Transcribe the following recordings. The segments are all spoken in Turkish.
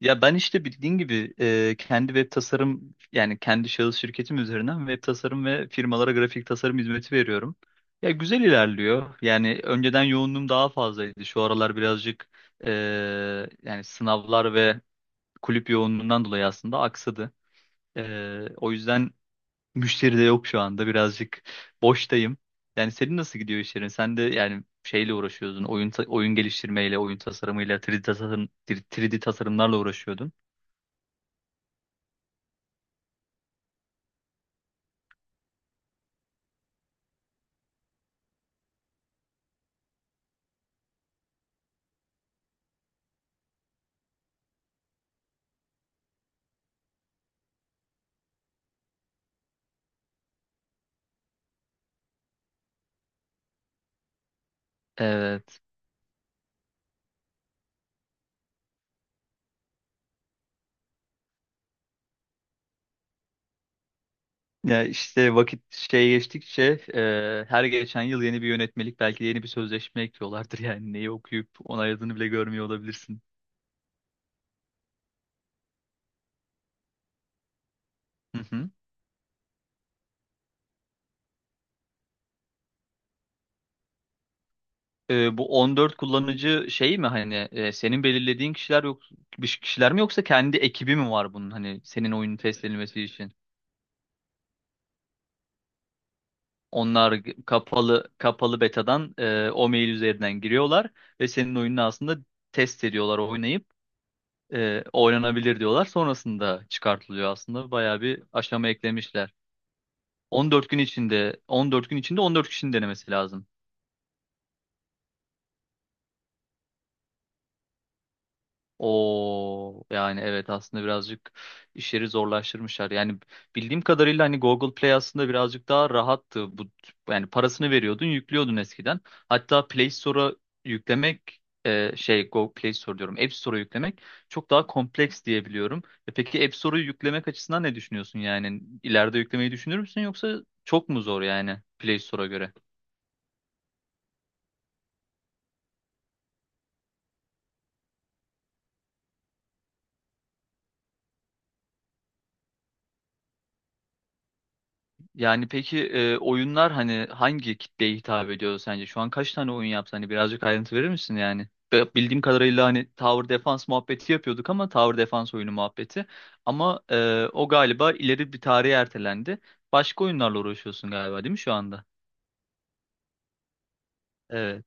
Ya ben işte bildiğin gibi kendi web tasarım yani kendi şahıs şirketim üzerinden web tasarım ve firmalara grafik tasarım hizmeti veriyorum. Ya güzel ilerliyor. Yani önceden yoğunluğum daha fazlaydı. Şu aralar birazcık e, yani sınavlar ve kulüp yoğunluğundan dolayı aslında aksadı. O yüzden müşteri de yok şu anda. Birazcık boştayım. Yani senin nasıl gidiyor işlerin? Sen de yani şeyle uğraşıyordun. Oyun geliştirmeyle, oyun tasarımıyla, 3D tasarımlarla uğraşıyordun. Evet. Ya işte vakit geçtikçe her geçen yıl yeni bir yönetmelik belki de yeni bir sözleşme ekliyorlardır yani neyi okuyup onayladığını bile görmüyor olabilirsin. Hı hı. E, bu 14 kullanıcı şey mi, hani senin belirlediğin kişiler, yok bir kişiler mi, yoksa kendi ekibi mi var bunun, hani senin oyunun test edilmesi için? Onlar kapalı betadan o mail üzerinden giriyorlar ve senin oyununu aslında test ediyorlar, oynayıp oynanabilir diyorlar. Sonrasında çıkartılıyor aslında. Bayağı bir aşama eklemişler. 14 gün içinde 14 kişinin denemesi lazım. O, yani evet, aslında birazcık işleri zorlaştırmışlar. Yani bildiğim kadarıyla hani Google Play aslında birazcık daha rahattı. Bu, yani parasını veriyordun, yüklüyordun eskiden. Hatta Play Store'a yüklemek Google Play Store diyorum. App Store'a yüklemek çok daha kompleks diyebiliyorum. E peki, App Store'u yüklemek açısından ne düşünüyorsun yani? İleride yüklemeyi düşünür müsün, yoksa çok mu zor yani Play Store'a göre? Yani peki oyunlar hani hangi kitleye hitap ediyor sence? Şu an kaç tane oyun yaptı? Hani birazcık ayrıntı verir misin yani? Bildiğim kadarıyla hani Tower Defense muhabbeti yapıyorduk, ama Tower Defense oyunu muhabbeti. Ama o galiba ileri bir tarihe ertelendi. Başka oyunlarla uğraşıyorsun galiba, değil mi şu anda? Evet.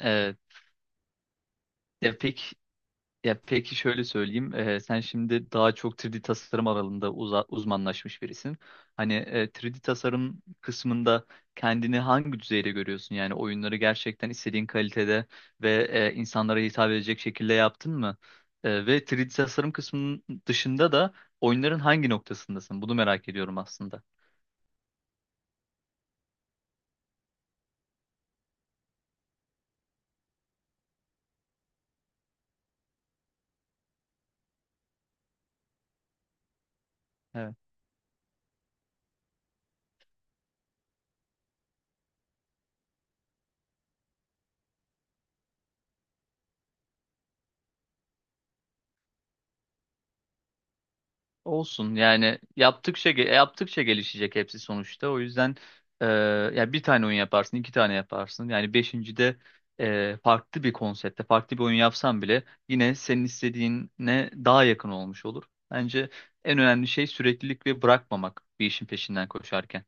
Evet. Ya peki Ya peki, şöyle söyleyeyim. Sen şimdi daha çok 3D tasarım alanında uzmanlaşmış birisin. Hani 3D tasarım kısmında kendini hangi düzeyde görüyorsun? Yani oyunları gerçekten istediğin kalitede ve insanlara hitap edecek şekilde yaptın mı? E, ve 3D tasarım kısmının dışında da oyunların hangi noktasındasın? Bunu merak ediyorum aslında. Olsun, yani yaptıkça gelişecek hepsi sonuçta. O yüzden e, ya bir tane oyun yaparsın, iki tane yaparsın. Yani beşincide farklı bir konsepte, farklı bir oyun yapsan bile yine senin istediğine daha yakın olmuş olur. Bence en önemli şey süreklilik ve bırakmamak bir işin peşinden koşarken.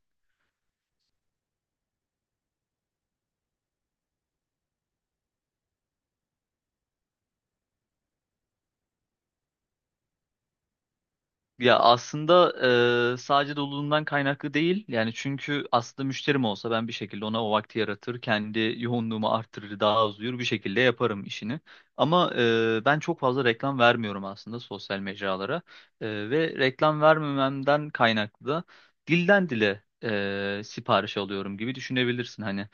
Ya aslında sadece doluluğundan kaynaklı değil. Yani çünkü aslında müşterim olsa ben bir şekilde ona o vakti yaratır, kendi yoğunluğumu arttırır, daha az uyur bir şekilde yaparım işini. Ama ben çok fazla reklam vermiyorum aslında sosyal mecralara. Ve reklam vermememden kaynaklı da dilden dile sipariş alıyorum gibi düşünebilirsin hani.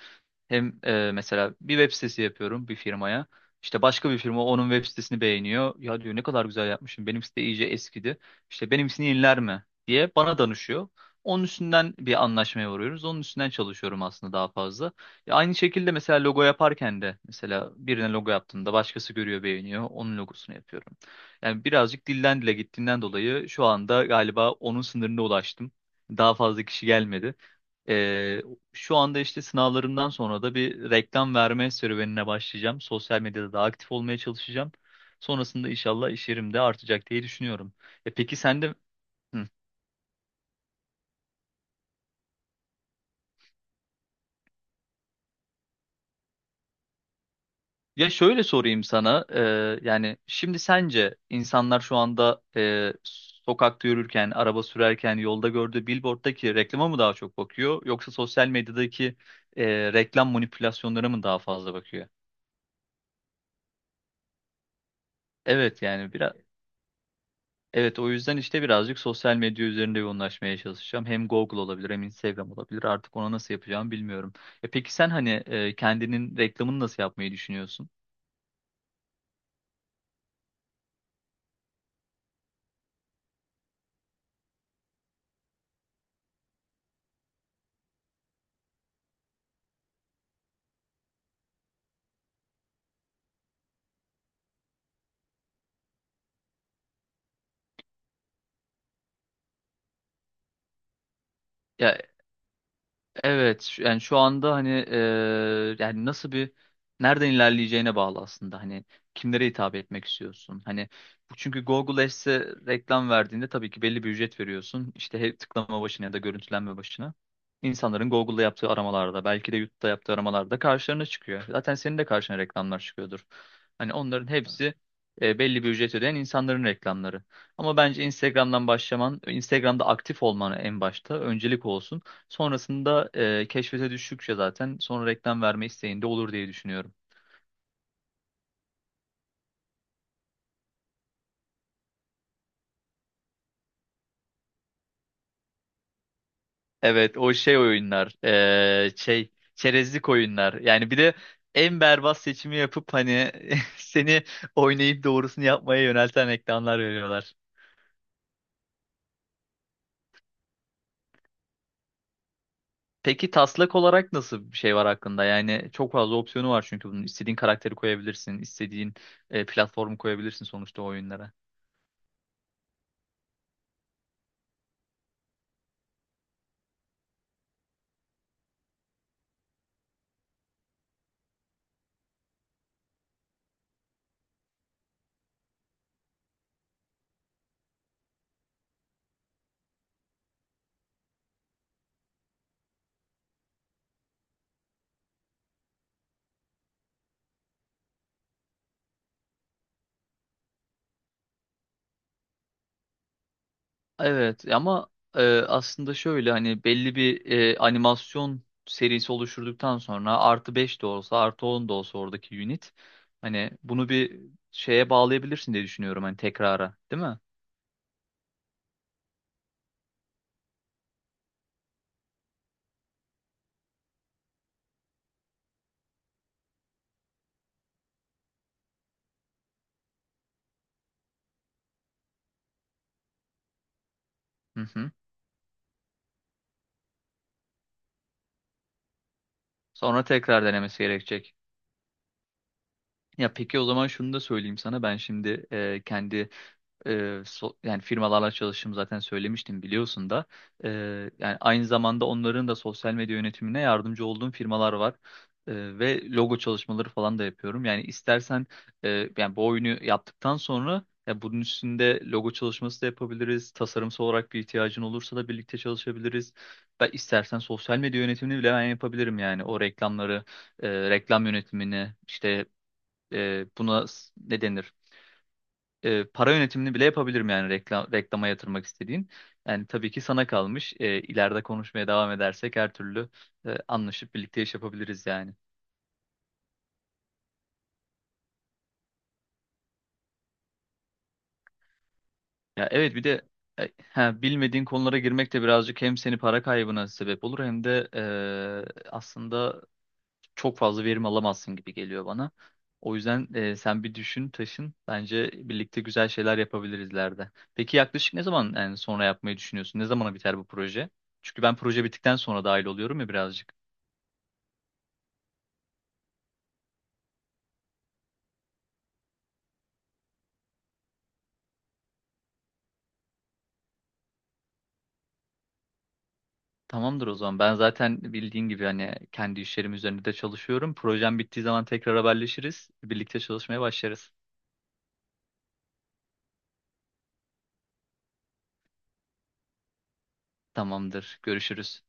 Hem mesela bir web sitesi yapıyorum bir firmaya. İşte başka bir firma onun web sitesini beğeniyor. Ya, diyor, ne kadar güzel yapmışım. Benim site iyice eskidi. İşte benimkisini yeniler mi diye bana danışıyor. Onun üstünden bir anlaşmaya varıyoruz. Onun üstünden çalışıyorum aslında daha fazla. Ya aynı şekilde mesela logo yaparken de, mesela birine logo yaptığımda başkası görüyor, beğeniyor. Onun logosunu yapıyorum. Yani birazcık dilden dile gittiğinden dolayı şu anda galiba onun sınırına ulaştım. Daha fazla kişi gelmedi şu anda. İşte sınavlarımdan sonra da bir reklam verme serüvenine başlayacağım. Sosyal medyada da aktif olmaya çalışacağım. Sonrasında inşallah iş yerim de artacak diye düşünüyorum. E peki sen de. Hı. Ya şöyle sorayım sana. Yani şimdi sence insanlar şu anda sokakta yürürken, araba sürerken, yolda gördüğü billboard'daki reklama mı daha çok bakıyor, yoksa sosyal medyadaki e, reklam manipülasyonlarına mı daha fazla bakıyor? Evet yani biraz. Evet, o yüzden işte birazcık sosyal medya üzerinde yoğunlaşmaya çalışacağım. Hem Google olabilir, hem Instagram olabilir. Artık ona nasıl yapacağımı bilmiyorum. E peki sen, hani kendinin reklamını nasıl yapmayı düşünüyorsun? Ya Evet, yani şu anda hani yani nasıl bir nereden ilerleyeceğine bağlı aslında. Hani kimlere hitap etmek istiyorsun? Hani bu, çünkü Google Ads'e reklam verdiğinde tabii ki belli bir ücret veriyorsun. İşte tıklama başına ya da görüntülenme başına. İnsanların Google'da yaptığı aramalarda, belki de YouTube'da yaptığı aramalarda karşılarına çıkıyor. Zaten senin de karşına reklamlar çıkıyordur. Hani onların hepsi belli bir ücret ödeyen insanların reklamları. Ama bence Instagram'dan başlaman, Instagram'da aktif olman en başta öncelik olsun. Sonrasında keşfete düştükçe zaten sonra reklam verme isteğinde olur diye düşünüyorum. Evet, o şey oyunlar, çerezlik oyunlar yani. Bir de en berbat seçimi yapıp hani seni oynayıp doğrusunu yapmaya yönelten reklamlar veriyorlar. Peki taslak olarak nasıl bir şey var hakkında? Yani çok fazla opsiyonu var çünkü bunun, istediğin karakteri koyabilirsin, istediğin platformu koyabilirsin sonuçta o oyunlara. Evet ama aslında şöyle, hani belli bir animasyon serisi oluşturduktan sonra, artı 5 de olsa artı 10 da olsa, oradaki unit, hani bunu bir şeye bağlayabilirsin diye düşünüyorum, hani tekrara, değil mi? Hı hı. Sonra tekrar denemesi gerekecek. Ya peki, o zaman şunu da söyleyeyim sana. Ben şimdi yani firmalarla çalıştığımı zaten söylemiştim, biliyorsun da. Yani aynı zamanda onların da sosyal medya yönetimine yardımcı olduğum firmalar var. Ve logo çalışmaları falan da yapıyorum. Yani istersen yani bu oyunu yaptıktan sonra, ya bunun üstünde logo çalışması da yapabiliriz. Tasarımsal olarak bir ihtiyacın olursa da birlikte çalışabiliriz. Ben istersen sosyal medya yönetimini bile ben yapabilirim yani. O reklamları, reklam yönetimini, işte ne denir? Para yönetimini bile yapabilirim yani, reklam, reklama yatırmak istediğin. Yani tabii ki sana kalmış. E, ileride konuşmaya devam edersek her türlü anlaşıp birlikte iş yapabiliriz yani. Ya evet, bir de bilmediğin konulara girmek de birazcık hem seni para kaybına sebep olur, hem de aslında çok fazla verim alamazsın gibi geliyor bana. O yüzden sen bir düşün, taşın. Bence birlikte güzel şeyler yapabiliriz ileride. Peki yaklaşık ne zaman yani sonra yapmayı düşünüyorsun? Ne zamana biter bu proje? Çünkü ben proje bittikten sonra dahil oluyorum ya birazcık. Tamamdır o zaman. Ben zaten bildiğin gibi hani kendi işlerim üzerinde de çalışıyorum. Projem bittiği zaman tekrar haberleşiriz. Birlikte çalışmaya başlarız. Tamamdır. Görüşürüz.